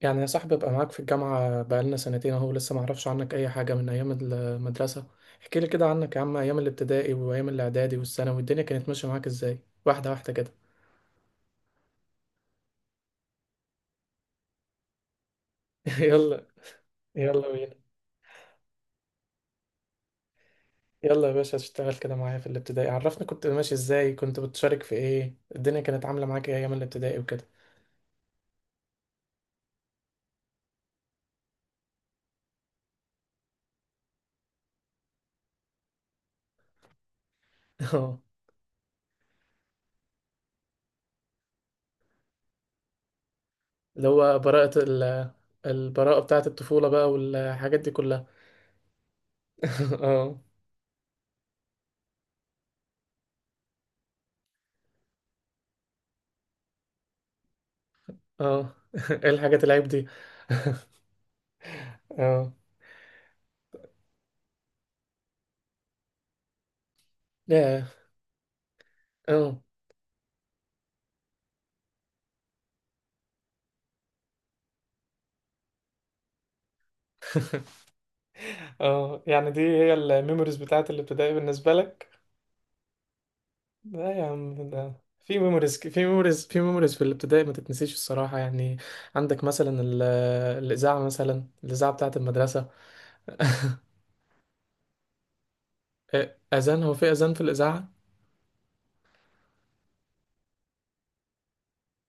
يعني يا صاحبي، ابقى معاك في الجامعة بقالنا سنتين اهو لسه ما اعرفش عنك اي حاجة من ايام المدرسة. احكي لي كده عنك يا عم، ايام الابتدائي وايام الاعدادي والثانوي الدنيا كانت ماشية معاك ازاي؟ واحدة واحدة كده. يلا. يلا بينا. يلا يا باشا، اشتغل كده معايا في الابتدائي، عرفني كنت ماشي ازاي، كنت بتشارك في ايه، الدنيا كانت عاملة معاك ايه ايام الابتدائي وكده. اه. اللي هو براءة ال- البراءة بتاعة الطفولة بقى والحاجات دي كلها. اه، اه. ايه الحاجات العيب دي؟ اه. ياه. اه، اه، يعني دي هي الميموريز بتاعت الابتدائي بالنسبة لك؟ لا يا عم، ده في ميموريز في الابتدائي ما تتنسيش الصراحة يعني. عندك مثلا ال- الإذاعة مثلا، الإذاعة بتاعت المدرسة. إيه، أذان هو في أذان في الإذاعة؟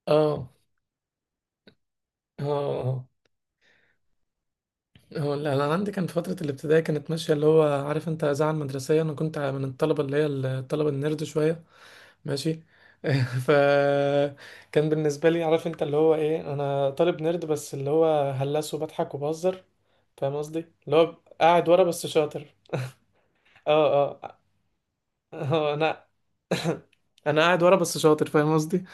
اه، اه، اه. هو لا، انا عندي كان في فتره الابتدائي كانت ماشيه، اللي هو عارف انت اذاعه المدرسيه، انا كنت من الطلبه اللي هي الطلبه النيرد شويه. ماشي. فكان بالنسبة لي عارف انت اللي هو ايه، انا طالب نيرد بس اللي هو هلس وبضحك وبهزر. فاهم قصدي. اللي هو قاعد ورا بس شاطر. اه، اه. انا. انا قاعد ورا بس شاطر، فاهم قصدي.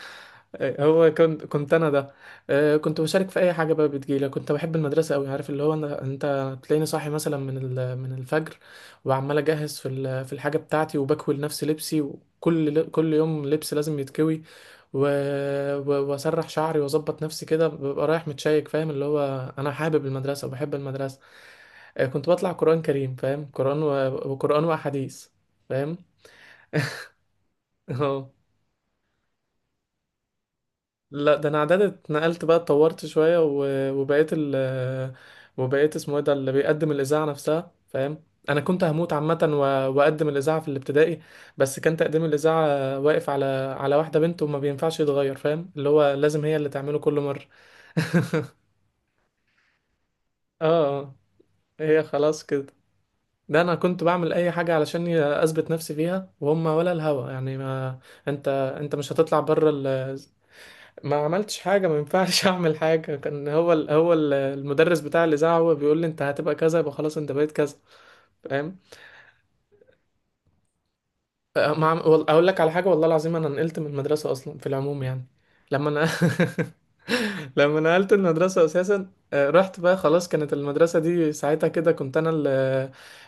إيه، هو كنت انا ده. كنت بشارك في اي حاجه بقى بتجيلي، كنت بحب المدرسه قوي، عارف اللي هو انا، انت تلاقيني صاحي مثلا من الفجر، وعمال اجهز في الحاجه بتاعتي، وبكوي لنفسي لبسي، وكل كل يوم لبس لازم يتكوي، و... و- واسرح شعري واظبط نفسي كده، ببقى رايح متشيك، فاهم اللي هو انا حابب المدرسه وبحب المدرسه. كنت بطلع قران كريم فاهم، قران و... وقران واحاديث. فاهم. اه. لا ده انا اعداد اتنقلت بقى، اتطورت شويه و- وبقيت ال- وبقيت اسمه ايه ده اللي بيقدم الاذاعه نفسها، فاهم. انا كنت هموت عامه و- واقدم الاذاعه في الابتدائي. بس كان تقديم الاذاعه واقف على واحده بنت، وما بينفعش يتغير، فاهم اللي هو لازم هي اللي تعمله كل مره. اه، اه. هي خلاص كده. ده انا كنت بعمل اي حاجه علشان اثبت نفسي فيها، وهم ولا الهوا يعني، ما انت انت مش هتطلع بره. ما عملتش حاجة، ما ينفعش أعمل حاجة، كان المدرس بتاع الإذاعة هو بيقول لي أنت هتبقى كذا، يبقى خلاص أنت بقيت كذا. فاهم. ما عم... وال- أقول لك على حاجة والله العظيم، أنا نقلت من المدرسة أصلا في العموم يعني. لما أنا لما نقلت المدرسة أساسا، رحت بقى خلاص، كانت المدرسة دي ساعتها كده كنت أنا ال...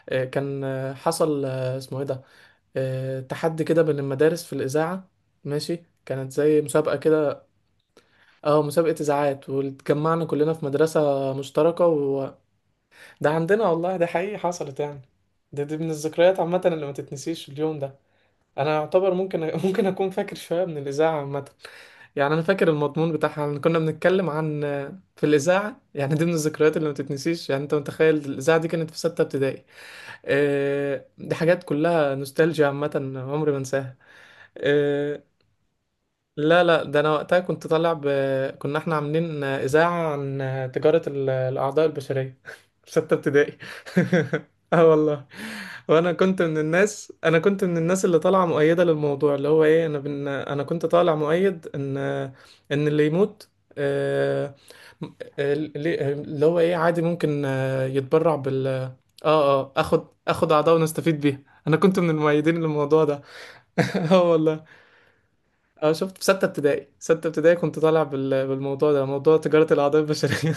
آه، كان آه، حصل آه، اسمه إيه ده، تحدي كده بين المدارس في الإذاعة. ماشي. كانت زي مسابقة كده. اه، مسابقة إذاعات، واتجمعنا كلنا في مدرسة مشتركة وده عندنا، والله ده حقيقي حصلت يعني. دي من الذكريات عامة اللي ما تتنسيش اليوم ده. أنا يعتبر ممكن ممكن أكون فاكر شوية من الإذاعة عامة. يعني أنا فاكر المضمون بتاعها إن كنا بنتكلم عن، في الإذاعة يعني، دي من الذكريات اللي ما تتنسيش يعني، أنت متخيل الإذاعة دي كانت في ستة ابتدائي. دي حاجات كلها نوستالجيا عامة. عمري ما أنساها. آه، لا، لا ده انا وقتها كنت طالع ب... كنا احنا عاملين اذاعه عن تجاره الاعضاء البشريه في سته ابتدائي. اه والله. وانا كنت من الناس، اللي طالعه مؤيده للموضوع، اللي هو ايه، انا كنت طالع مؤيد ان اللي يموت، آه، اللي هو ايه عادي ممكن يتبرع بال اه اخد اعضاء ونستفيد بيها. انا كنت من المؤيدين للموضوع ده. اه والله. اه، شفت في ستة ابتدائي، ستة ابتدائي كنت طالع بالموضوع ده، موضوع تجارة الأعضاء البشرية.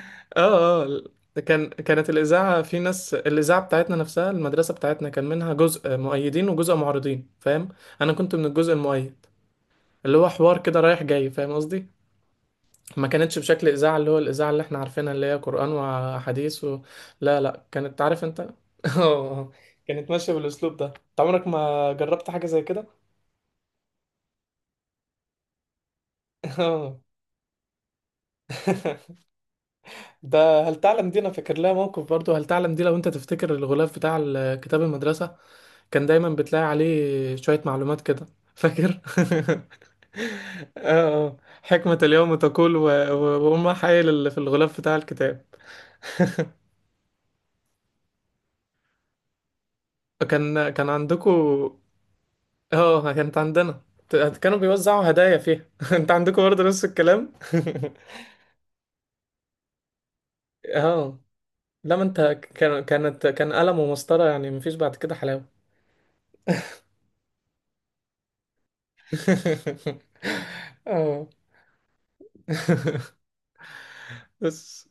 اه، اه. كانت الإذاعة في ناس، الإذاعة بتاعتنا نفسها المدرسة بتاعتنا كان منها جزء مؤيدين وجزء معارضين، فاهم. أنا كنت من الجزء المؤيد، اللي هو حوار كده رايح جاي، فاهم قصدي. ما كانتش بشكل إذاعة اللي هو الإذاعة اللي احنا عارفينها اللي هي قرآن وأحاديث و... لا، لا كانت عارف انت اه. آه. كانت ماشية بالأسلوب ده، انت عمرك ما جربت حاجة زي كده. اه. ده هل تعلم دي انا فاكر لها موقف، برضو هل تعلم دي لو انت تفتكر الغلاف بتاع كتاب المدرسة، كان دايما بتلاقي عليه شوية معلومات كده. فاكر؟ اه. حكمة اليوم تقول و- و- وأم حايل اللي في الغلاف بتاع الكتاب. كان عندكم، اه كانت عندنا، كانوا بيوزعوا هدايا فيها. انت عندكم برضه نفس الكلام. اه. لا ما انت، كان قلم ومسطرة يعني، مفيش بعد كده حلاوة. اه. بس،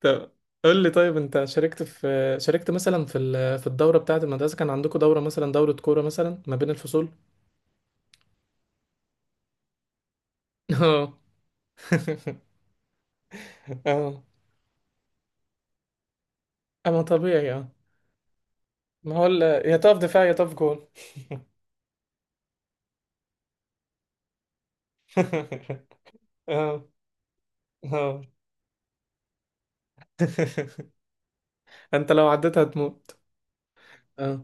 طب، قول لي طيب انت شاركت في، شاركت مثلا في الدوره بتاعه المدرسه؟ كان عندكم دوره مثلا، دوره كوره مثلا ما بين الفصول؟ اه. اه. اما طبيعي، اه. ما هو يا تقف دفاع يا تقف جول. اه، اه. انت لو عديتها هتموت. اه.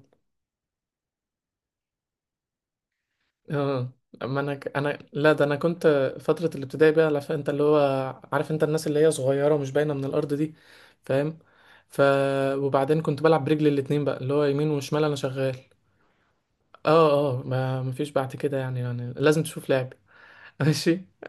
اه، اما انا لا، ده انا كنت، فتره الابتدائي بقى عارف انت اللي هو، عارف انت الناس اللي هي صغيره ومش باينه من الارض دي، فاهم. ف... وبعدين كنت بلعب برجلي الاتنين بقى، اللي هو يمين وشمال انا شغال. اه. اه، ما مفيش بعد كده يعني لازم تشوف لعب. ماشي.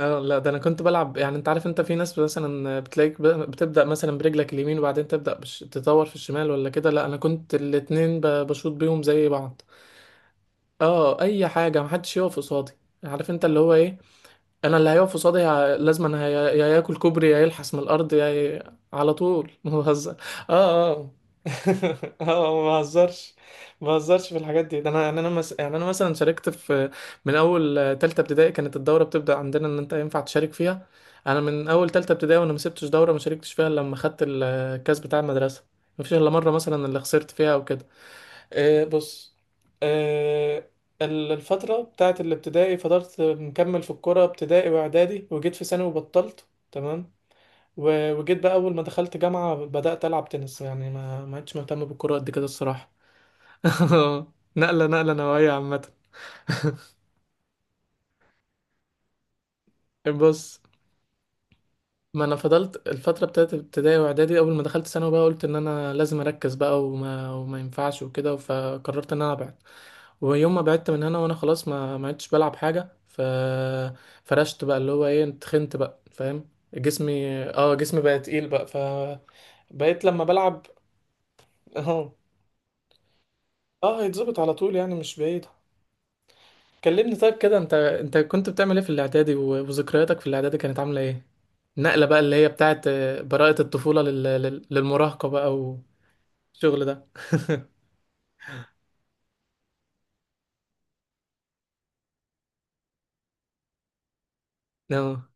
اه، لا ده انا كنت بلعب يعني، انت عارف انت في ناس مثلا بتلاقيك بتبدا مثلا برجلك اليمين، وبعدين تبدا تطور في الشمال ولا كده، لا انا كنت الاتنين بشوط بيهم زي بعض. اه، اي حاجه، محدش يقف قصادي، عارف انت اللي هو ايه، انا اللي هيقف قصادي لازم انا يا ياكل كوبري، يا يلحس من الارض، يا ي... على طول. ما بهزر. اه، اه. اه، ما بهزرش. ما بهزرش في الحاجات دي، ده انا يعني، يعني انا مثلا شاركت في، من اول تالتة ابتدائي كانت الدوره بتبدا عندنا ان انت ينفع تشارك فيها. انا من اول تالتة ابتدائي وانا ما سبتش دوره ما شاركتش فيها إلا لما خدت الكاس بتاع المدرسه. ما فيش الا مره مثلا اللي خسرت فيها او كده. بص. آه. الفترة بتاعت الابتدائي فضلت مكمل في الكورة ابتدائي وإعدادي، وجيت في ثانوي وبطلت تمام. و- وجيت بقى أول ما دخلت جامعة بدأت ألعب تنس، يعني ما عدتش مهتم بالكورة قد كده الصراحة. نقلة، نقلة نوعية عامة. بص، ما أنا فضلت الفترة بتاعت ابتدائي وإعدادي، أول ما دخلت ثانوي بقى قلت إن أنا لازم أركز بقى، وما ينفعش وكده، فقررت إن أنا أبعد. ويوم ما بعدت من هنا وانا خلاص ما عدتش بلعب حاجه. ف... فرشت بقى اللي هو ايه، اتخنت بقى فاهم، جسمي بقى تقيل بقى. ف... بقيت لما بلعب. اه. اه، يتظبط على طول يعني، مش بعيد. كلمني طيب كده، انت كنت بتعمل ايه في الاعدادي، و- وذكرياتك في الاعدادي كانت عامله ايه؟ النقله بقى اللي هي بتاعت براءه الطفوله للمراهقه بقى، والشغل ده. اه.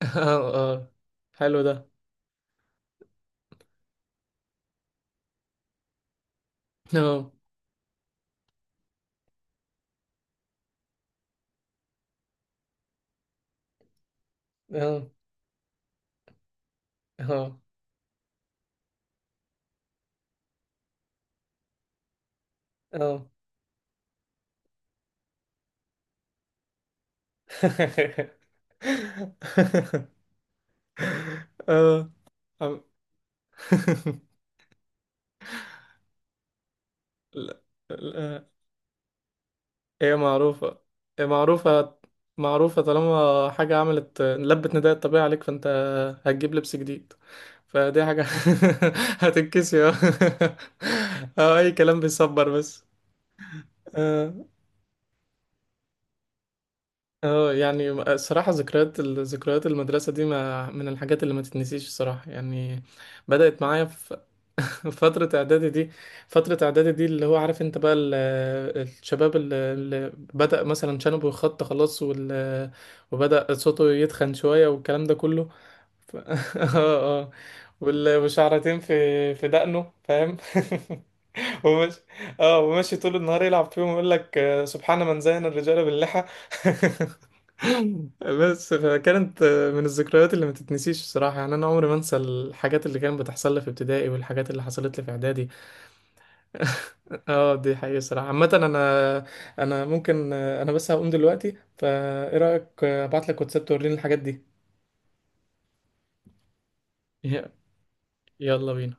اه، اه. حلو ده. اه، اه، اه، اه. آه. أم- لا، لا. هي معروفة. هي معروفة، معروفة طالما حاجة عملت لبت نداء الطبيعة عليك فأنت هتجيب لبس جديد. فدي حاجة. هتتكسي، اه. أي كلام بيصبر بس. اه. يعني الصراحة، ذكريات ذكريات المدرسة دي ما من الحاجات اللي ما تتنسيش الصراحة يعني. بدأت معايا في فترة إعدادي دي، فترة إعدادي دي اللي هو عارف أنت بقى ال- الشباب اللي بدأ مثلا شنبه يخط خلاص، وال... وبدأ صوته يتخن شوية والكلام ده كله. ف... اه، اه. وشعرتين في دقنه، فاهم. وماشي. اه، وماشي طول النهار يلعب فيهم، يقول لك سبحان من زين الرجال باللحى. بس، فكانت من الذكريات اللي ما تتنسيش الصراحة يعني، أنا عمري ما أنسى الحاجات اللي كانت بتحصل لي في ابتدائي والحاجات اللي حصلت لي في إعدادي. اه دي حقيقة الصراحة عامة. انا، انا ممكن انا بس هقوم دلوقتي، فايه رأيك ابعت لك واتساب توريني الحاجات دي؟ يلا بينا.